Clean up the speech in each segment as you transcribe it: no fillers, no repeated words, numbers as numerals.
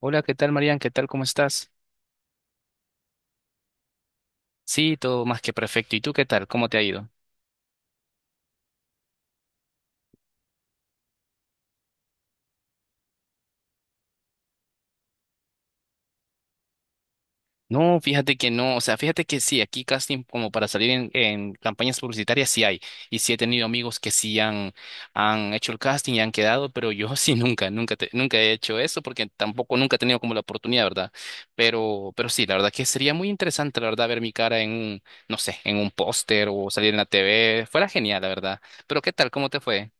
Hola, ¿qué tal, Marian? ¿Qué tal? ¿Cómo estás? Sí, todo más que perfecto. ¿Y tú qué tal? ¿Cómo te ha ido? No, fíjate que no, o sea, fíjate que sí, aquí casting como para salir en campañas publicitarias sí hay. Y sí he tenido amigos que sí han hecho el casting y han quedado, pero yo sí nunca he hecho eso porque tampoco nunca he tenido como la oportunidad, ¿verdad? Pero sí, la verdad que sería muy interesante, la verdad, ver mi cara en no sé, en un póster o salir en la TV. Fuera genial, la verdad. Pero ¿qué tal? ¿Cómo te fue?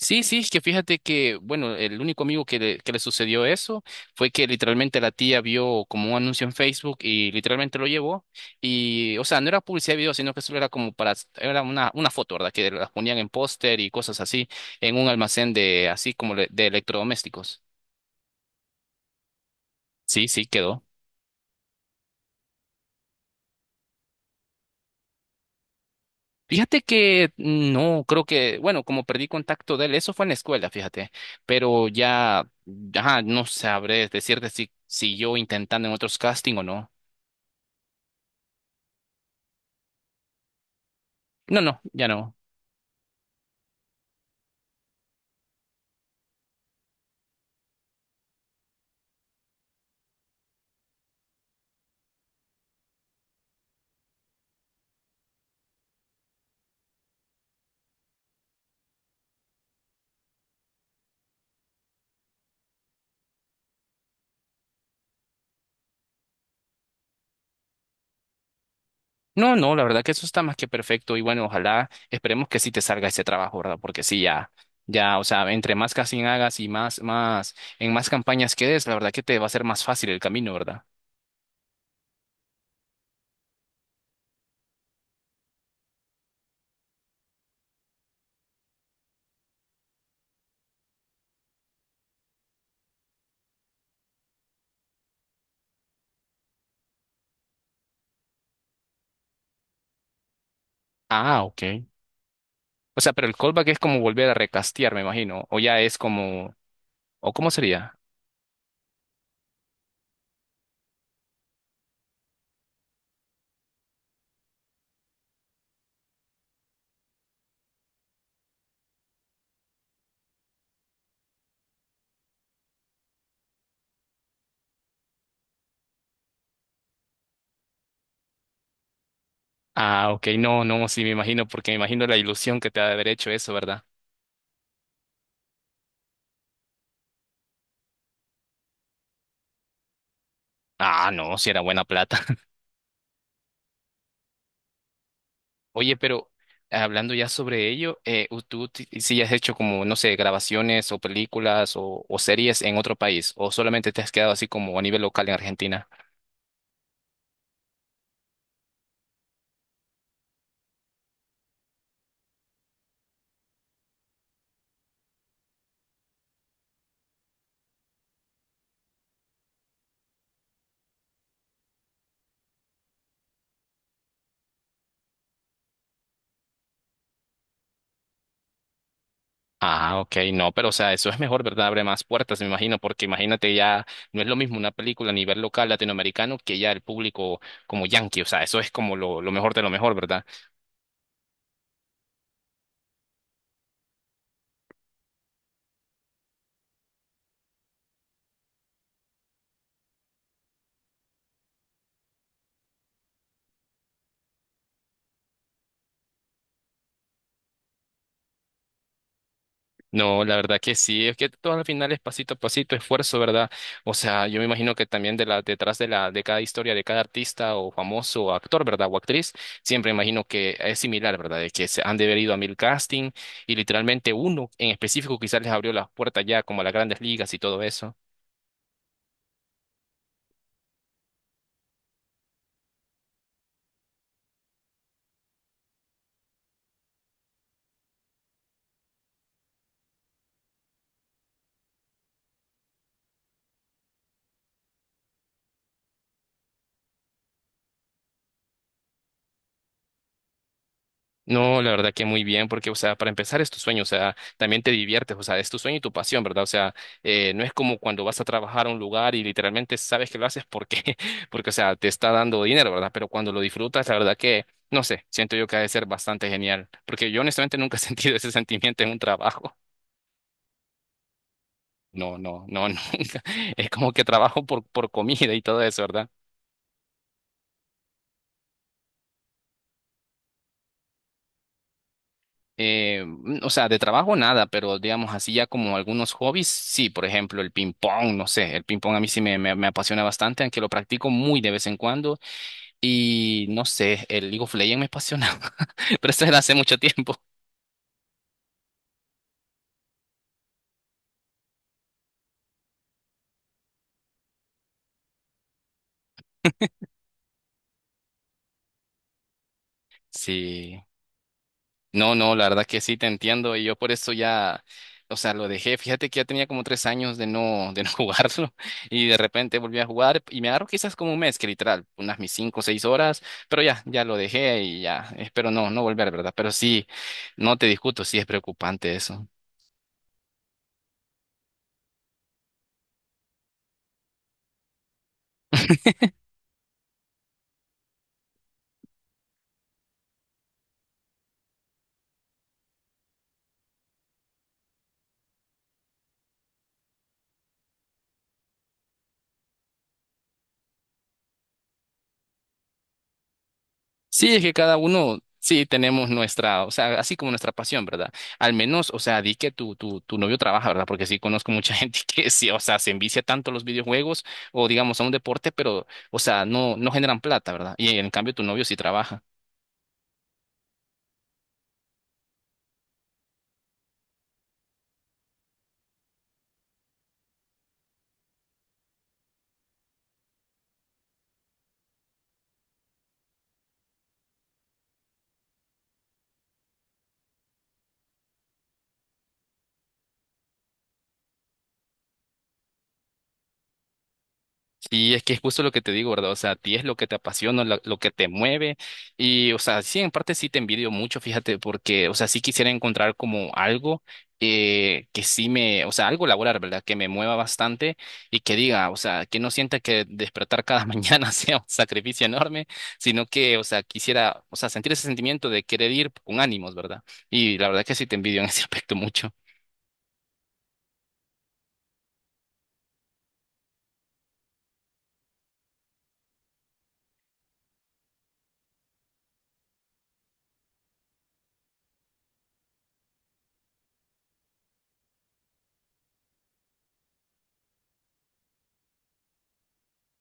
Sí, sí, es que fíjate que, bueno, el único amigo que le sucedió eso fue que literalmente la tía vio como un anuncio en Facebook y literalmente lo llevó. Y, o sea, no era publicidad de video, sino que solo era como para, era una foto, ¿verdad? Que las ponían en póster y cosas así, en un almacén de, así como le- de electrodomésticos. Sí, sí, quedó. Fíjate que no, creo que, bueno, como perdí contacto de él, eso fue en la escuela, fíjate, pero ya, ajá, no sabré decirte si siguió intentando en otros casting o no. No, no, ya no. No, no, la verdad que eso está más que perfecto y bueno, ojalá esperemos que sí te salga ese trabajo, ¿verdad? Porque sí, ya, ya, o sea, entre más casting hagas y en más campañas quedes, la verdad que te va a ser más fácil el camino, ¿verdad? Ah, ok. O sea, pero el callback es como volver a recastear, me imagino, o ya es como, o cómo sería. Ah, ok, no, no, sí me imagino, porque me imagino la ilusión que te ha de haber hecho eso, ¿verdad? Ah, no, si era buena plata. Oye, pero hablando ya sobre ello, ¿tú si has hecho como, no sé, grabaciones o películas o series en otro país? ¿O solamente te has quedado así como a nivel local en Argentina? Ah, ok, no, pero o sea, eso es mejor, ¿verdad? Abre más puertas, me imagino, porque imagínate ya, no es lo mismo una película a nivel local latinoamericano que ya el público como yankee, o sea, eso es como lo mejor de lo mejor, ¿verdad? No, la verdad que sí, es que todo al final es pasito a pasito, esfuerzo, ¿verdad? O sea, yo me imagino que también de la, detrás de la, de cada historia de cada artista o famoso o actor, ¿verdad? O actriz, siempre imagino que es similar, ¿verdad? De que se han de haber ido a 1000 casting y literalmente uno en específico quizás les abrió las puertas ya como a las grandes ligas y todo eso. No, la verdad que muy bien, porque, o sea, para empezar es tu sueño, o sea, también te diviertes, o sea, es tu sueño y tu pasión, ¿verdad? O sea, no es como cuando vas a trabajar a un lugar y literalmente sabes que lo haces porque, porque, o sea, te está dando dinero, ¿verdad? Pero cuando lo disfrutas, la verdad que, no sé, siento yo que ha de ser bastante genial, porque yo honestamente nunca he sentido ese sentimiento en un trabajo. No, no, no, nunca. Es como que trabajo por comida y todo eso, ¿verdad? O sea, de trabajo nada, pero digamos así ya como algunos hobbies, sí, por ejemplo, el ping pong, no sé, el ping pong a mí sí me apasiona bastante, aunque lo practico muy de vez en cuando y no sé, el League of Legends me apasiona, pero eso es de hace mucho tiempo. Sí. No, no, la verdad que sí te entiendo y yo por eso ya, o sea, lo dejé. Fíjate que ya tenía como 3 años de no jugarlo y de repente volví a jugar y me agarró quizás como un mes, que literal, unas mis 5 o 6 horas, pero ya, ya lo dejé y ya, espero no, no volver, ¿verdad? Pero sí, no te discuto, sí es preocupante eso. Sí, es que cada uno, sí, tenemos nuestra, o sea, así como nuestra pasión, ¿verdad? Al menos, o sea, di que tu novio trabaja, ¿verdad? Porque sí conozco mucha gente que sí, o sea, se envicia tanto a los videojuegos o digamos a un deporte, pero, o sea, no, no generan plata, ¿verdad? Y en cambio tu novio sí trabaja. Sí, es que es justo lo que te digo, ¿verdad? O sea, a ti es lo que te apasiona, que te mueve. Y, o sea, sí, en parte sí te envidio mucho, fíjate, porque, o sea, sí quisiera encontrar como algo que sí me, o sea, algo laboral, ¿verdad? Que me mueva bastante y que diga, o sea, que no sienta que despertar cada mañana sea un sacrificio enorme, sino que, o sea, quisiera, o sea, sentir ese sentimiento de querer ir con ánimos, ¿verdad? Y la verdad que sí te envidio en ese aspecto mucho.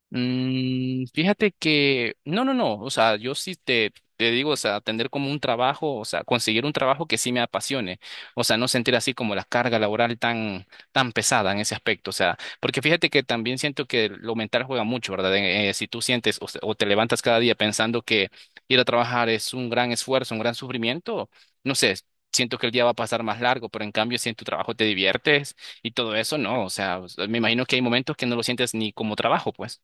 Mm, fíjate que, no, no, no, o sea, yo sí te digo, o sea, tener como un trabajo, o sea, conseguir un trabajo que sí me apasione, o sea, no sentir así como la carga laboral tan, tan pesada en ese aspecto, o sea, porque fíjate que también siento que lo mental juega mucho, ¿verdad? Si tú sientes o te levantas cada día pensando que ir a trabajar es un gran esfuerzo, un gran sufrimiento, no sé. Siento que el día va a pasar más largo, pero en cambio, si en tu trabajo te diviertes y todo eso, no, o sea, me imagino que hay momentos que no lo sientes ni como trabajo, pues.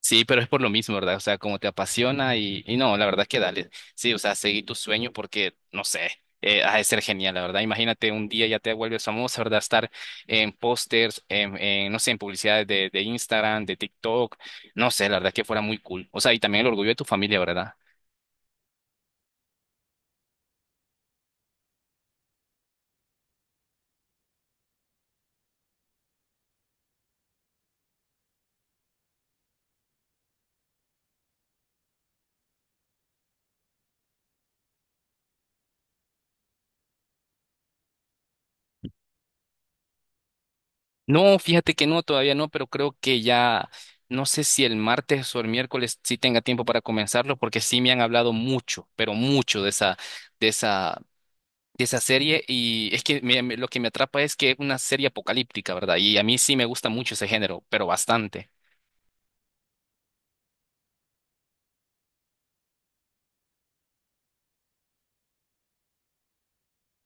Sí, pero es por lo mismo, ¿verdad? O sea, como te apasiona y no, la verdad que dale. Sí, o sea, seguí tu sueño porque, no sé, ha de ser genial, la verdad. Imagínate un día ya te vuelves famosa, ¿verdad? Estar en pósters, no sé, en publicidades de Instagram, de TikTok, no sé, la verdad que fuera muy cool. O sea, y también el orgullo de tu familia, ¿verdad? No, fíjate que no, todavía no, pero creo que ya, no sé si el martes o el miércoles sí tenga tiempo para comenzarlo porque sí me han hablado mucho, pero mucho de esa de esa serie y es que lo que me atrapa es que es una serie apocalíptica, ¿verdad? Y a mí sí me gusta mucho ese género, pero bastante.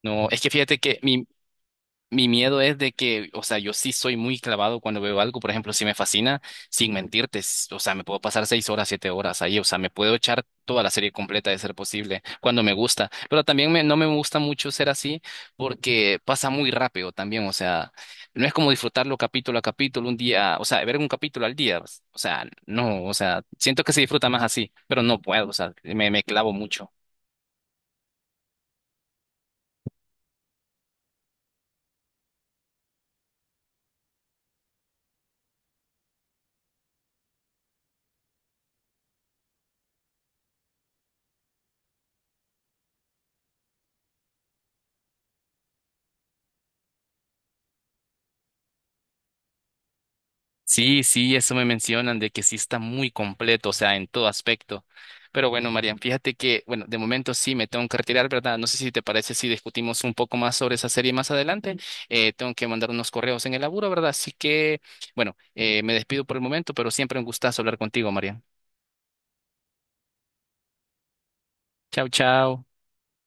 No, es que fíjate que mi miedo es de que, o sea, yo sí soy muy clavado cuando veo algo, por ejemplo, si me fascina, sin mentirte, o sea, me puedo pasar 6 horas, 7 horas ahí, o sea, me puedo echar toda la serie completa de ser posible cuando me gusta, pero también me, no me gusta mucho ser así porque pasa muy rápido también, o sea, no es como disfrutarlo capítulo a capítulo, un día, o sea, ver un capítulo al día, o sea, no, o sea, siento que se disfruta más así, pero no puedo, o sea, me clavo mucho. Sí, sí, eso me mencionan de que sí está muy completo, o sea, en todo aspecto. Pero bueno, Marian, fíjate que, bueno, de momento sí me tengo que retirar, ¿verdad? No sé si te parece si discutimos un poco más sobre esa serie más adelante. Tengo que mandar unos correos en el laburo, ¿verdad? Así que, bueno, me despido por el momento, pero siempre un gustazo hablar contigo, Marian. Chao, chao.